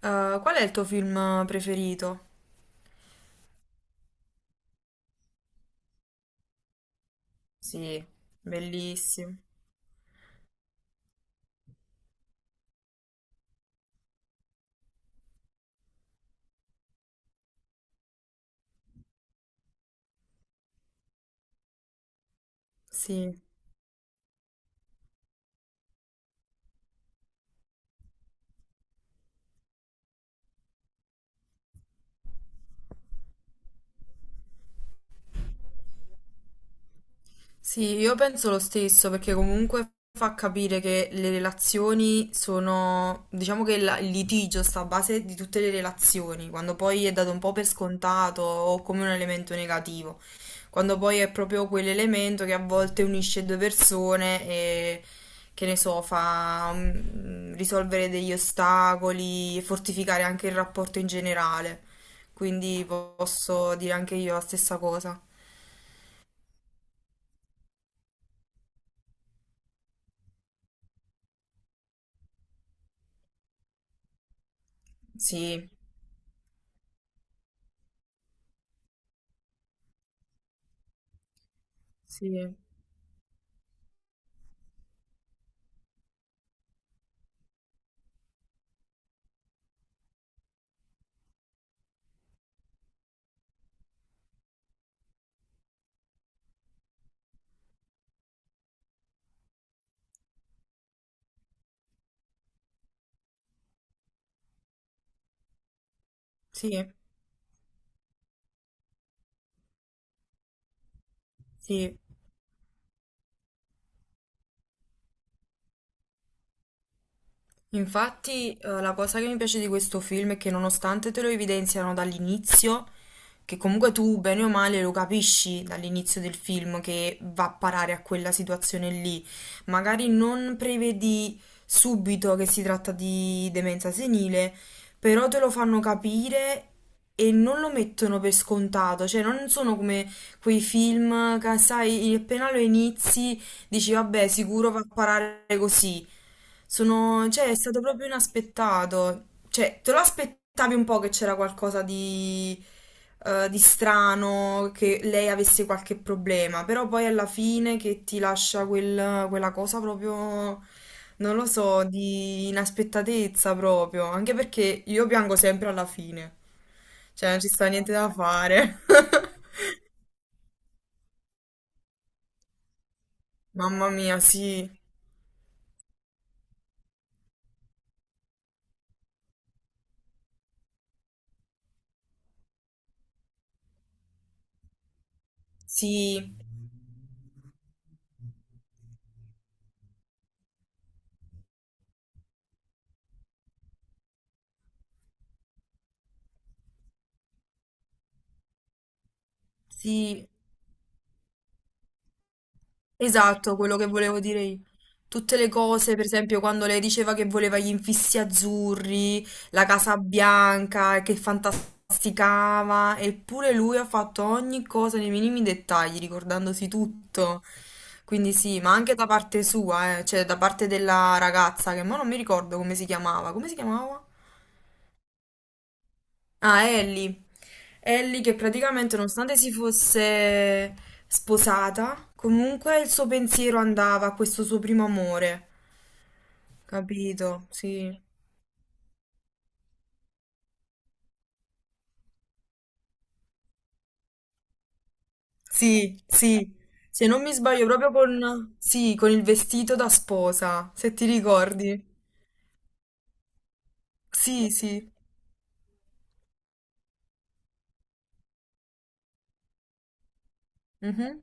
Qual è il tuo film preferito? Sì, bellissimo. Sì. Sì, io penso lo stesso perché comunque fa capire che le relazioni sono, diciamo che il litigio sta a base di tutte le relazioni, quando poi è dato un po' per scontato o come un elemento negativo. Quando poi è proprio quell'elemento che a volte unisce due persone e che ne so, fa risolvere degli ostacoli e fortificare anche il rapporto in generale. Quindi posso dire anche io la stessa cosa. Sì, sì, sì, sì. Infatti, la cosa che mi piace di questo film è che nonostante te lo evidenziano dall'inizio, che comunque tu bene o male lo capisci dall'inizio del film che va a parare a quella situazione lì. Magari non prevedi subito che si tratta di demenza senile, però te lo fanno capire e non lo mettono per scontato, cioè non sono come quei film che sai, appena lo inizi dici, vabbè, sicuro va a parare così. Sono, cioè, è stato proprio inaspettato. Cioè, te lo aspettavi un po' che c'era qualcosa di strano, che lei avesse qualche problema, però poi alla fine che ti lascia quella cosa proprio, non lo so, di inaspettatezza proprio. Anche perché io piango sempre alla fine. Cioè, non ci sta niente da fare. Mamma mia, sì, sì, sì. Esatto, quello che volevo dire io. Tutte le cose, per esempio, quando lei diceva che voleva gli infissi azzurri, la Casa Bianca, e che fantasticava, eppure lui ha fatto ogni cosa nei minimi dettagli, ricordandosi tutto. Quindi sì, ma anche da parte sua, cioè da parte della ragazza, che mo non mi ricordo come si chiamava. Come si chiamava? Ah, Ellie. Ellie che praticamente nonostante si fosse sposata, comunque il suo pensiero andava a questo suo primo amore, capito? Sì, sì, sì. Se non mi sbaglio, proprio con, sì, con il vestito da sposa, se ti ricordi. Sì, sì. Mhm.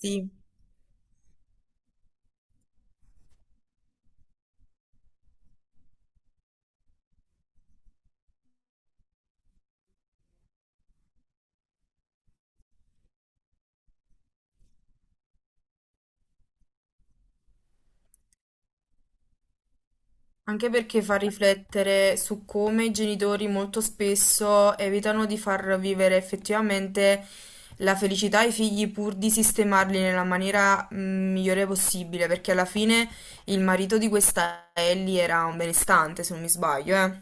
Sì. Anche perché fa riflettere su come i genitori molto spesso evitano di far vivere effettivamente la felicità ai figli pur di sistemarli nella maniera migliore possibile, perché alla fine il marito di questa Ellie era un benestante, se non mi sbaglio, eh.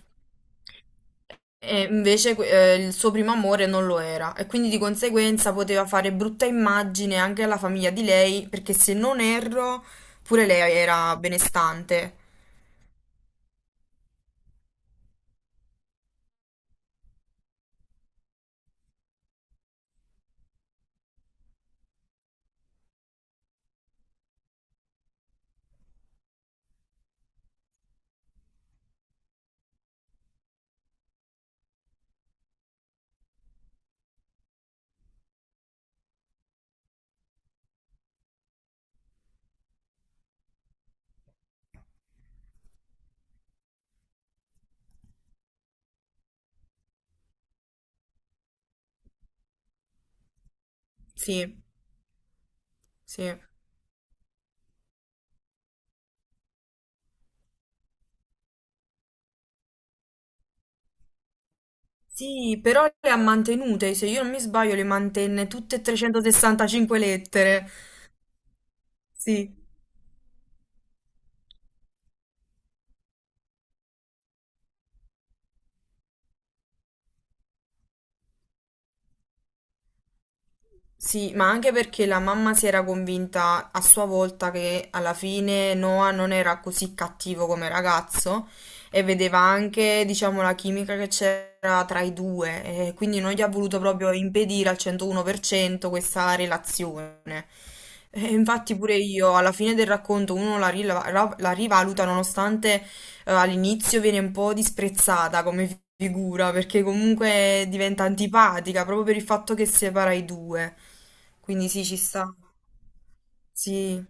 E invece il suo primo amore non lo era e quindi di conseguenza poteva fare brutta immagine anche alla famiglia di lei, perché se non erro, pure lei era benestante. Sì, sì. Sì, però le ha mantenute, se io non mi sbaglio le mantenne tutte e 365 lettere. Sì, sì, ma anche perché la mamma si era convinta a sua volta che alla fine Noah non era così cattivo come ragazzo e vedeva anche, diciamo, la chimica che c'era tra i due e quindi non gli ha voluto proprio impedire al 101% questa relazione. E infatti pure io alla fine del racconto uno la rivaluta nonostante all'inizio viene un po' disprezzata come figura perché comunque diventa antipatica proprio per il fatto che separa i due. Quindi sì, ci sta. Sì,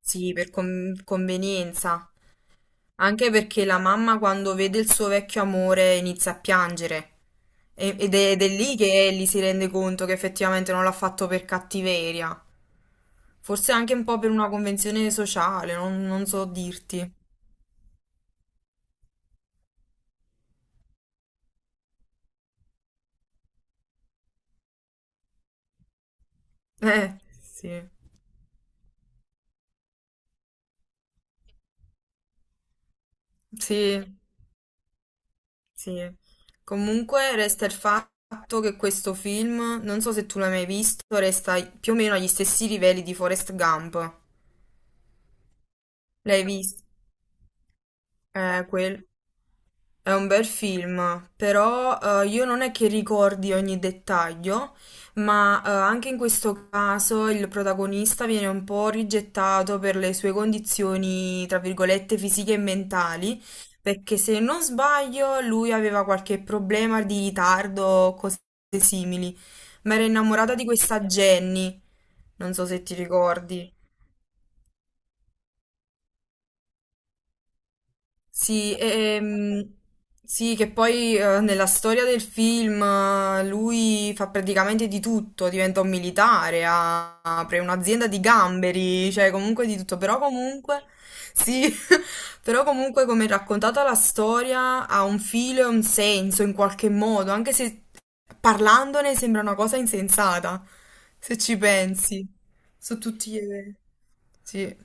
sì, per convenienza. Anche perché la mamma quando vede il suo vecchio amore inizia a piangere. Ed è lì che Ellie si rende conto che effettivamente non l'ha fatto per cattiveria. Forse anche un po' per una convenzione sociale, non, non so dirti. Sì. Sì, sì. Comunque resta il fatto che questo film, non so se tu l'hai mai visto, resta più o meno agli stessi livelli di Forrest Gump. L'hai visto? Quel... È un bel film, però io non è che ricordi ogni dettaglio, ma anche in questo caso il protagonista viene un po' rigettato per le sue condizioni, tra virgolette, fisiche e mentali, perché se non sbaglio lui aveva qualche problema di ritardo o cose simili, ma era innamorata di questa Jenny, non so se ti ricordi. Sì, sì, che poi nella storia del film lui fa praticamente di tutto, diventa un militare, apre un'azienda di gamberi, cioè comunque di tutto, però comunque, sì, però comunque come è raccontata la storia ha un filo e un senso in qualche modo, anche se parlandone sembra una cosa insensata, se ci pensi, su tutti gli eventi. Sì.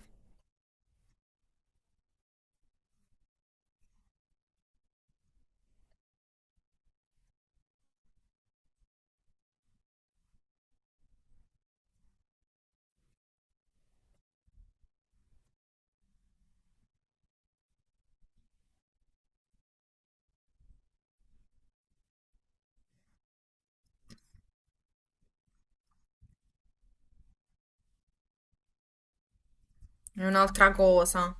È un'altra cosa.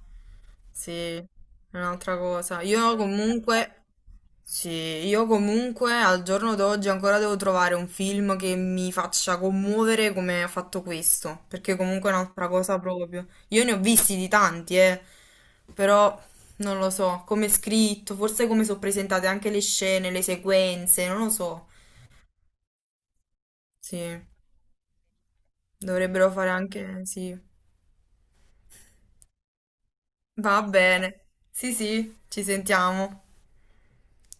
Sì, è un'altra cosa. Io comunque, sì, io comunque al giorno d'oggi ancora devo trovare un film che mi faccia commuovere come ha fatto questo, perché comunque è un'altra cosa proprio. Io ne ho visti di tanti, però non lo so, come è scritto, forse come sono presentate anche le scene, le sequenze, non lo so. Sì, dovrebbero fare anche, sì. Va bene. Sì, sì, ci sentiamo.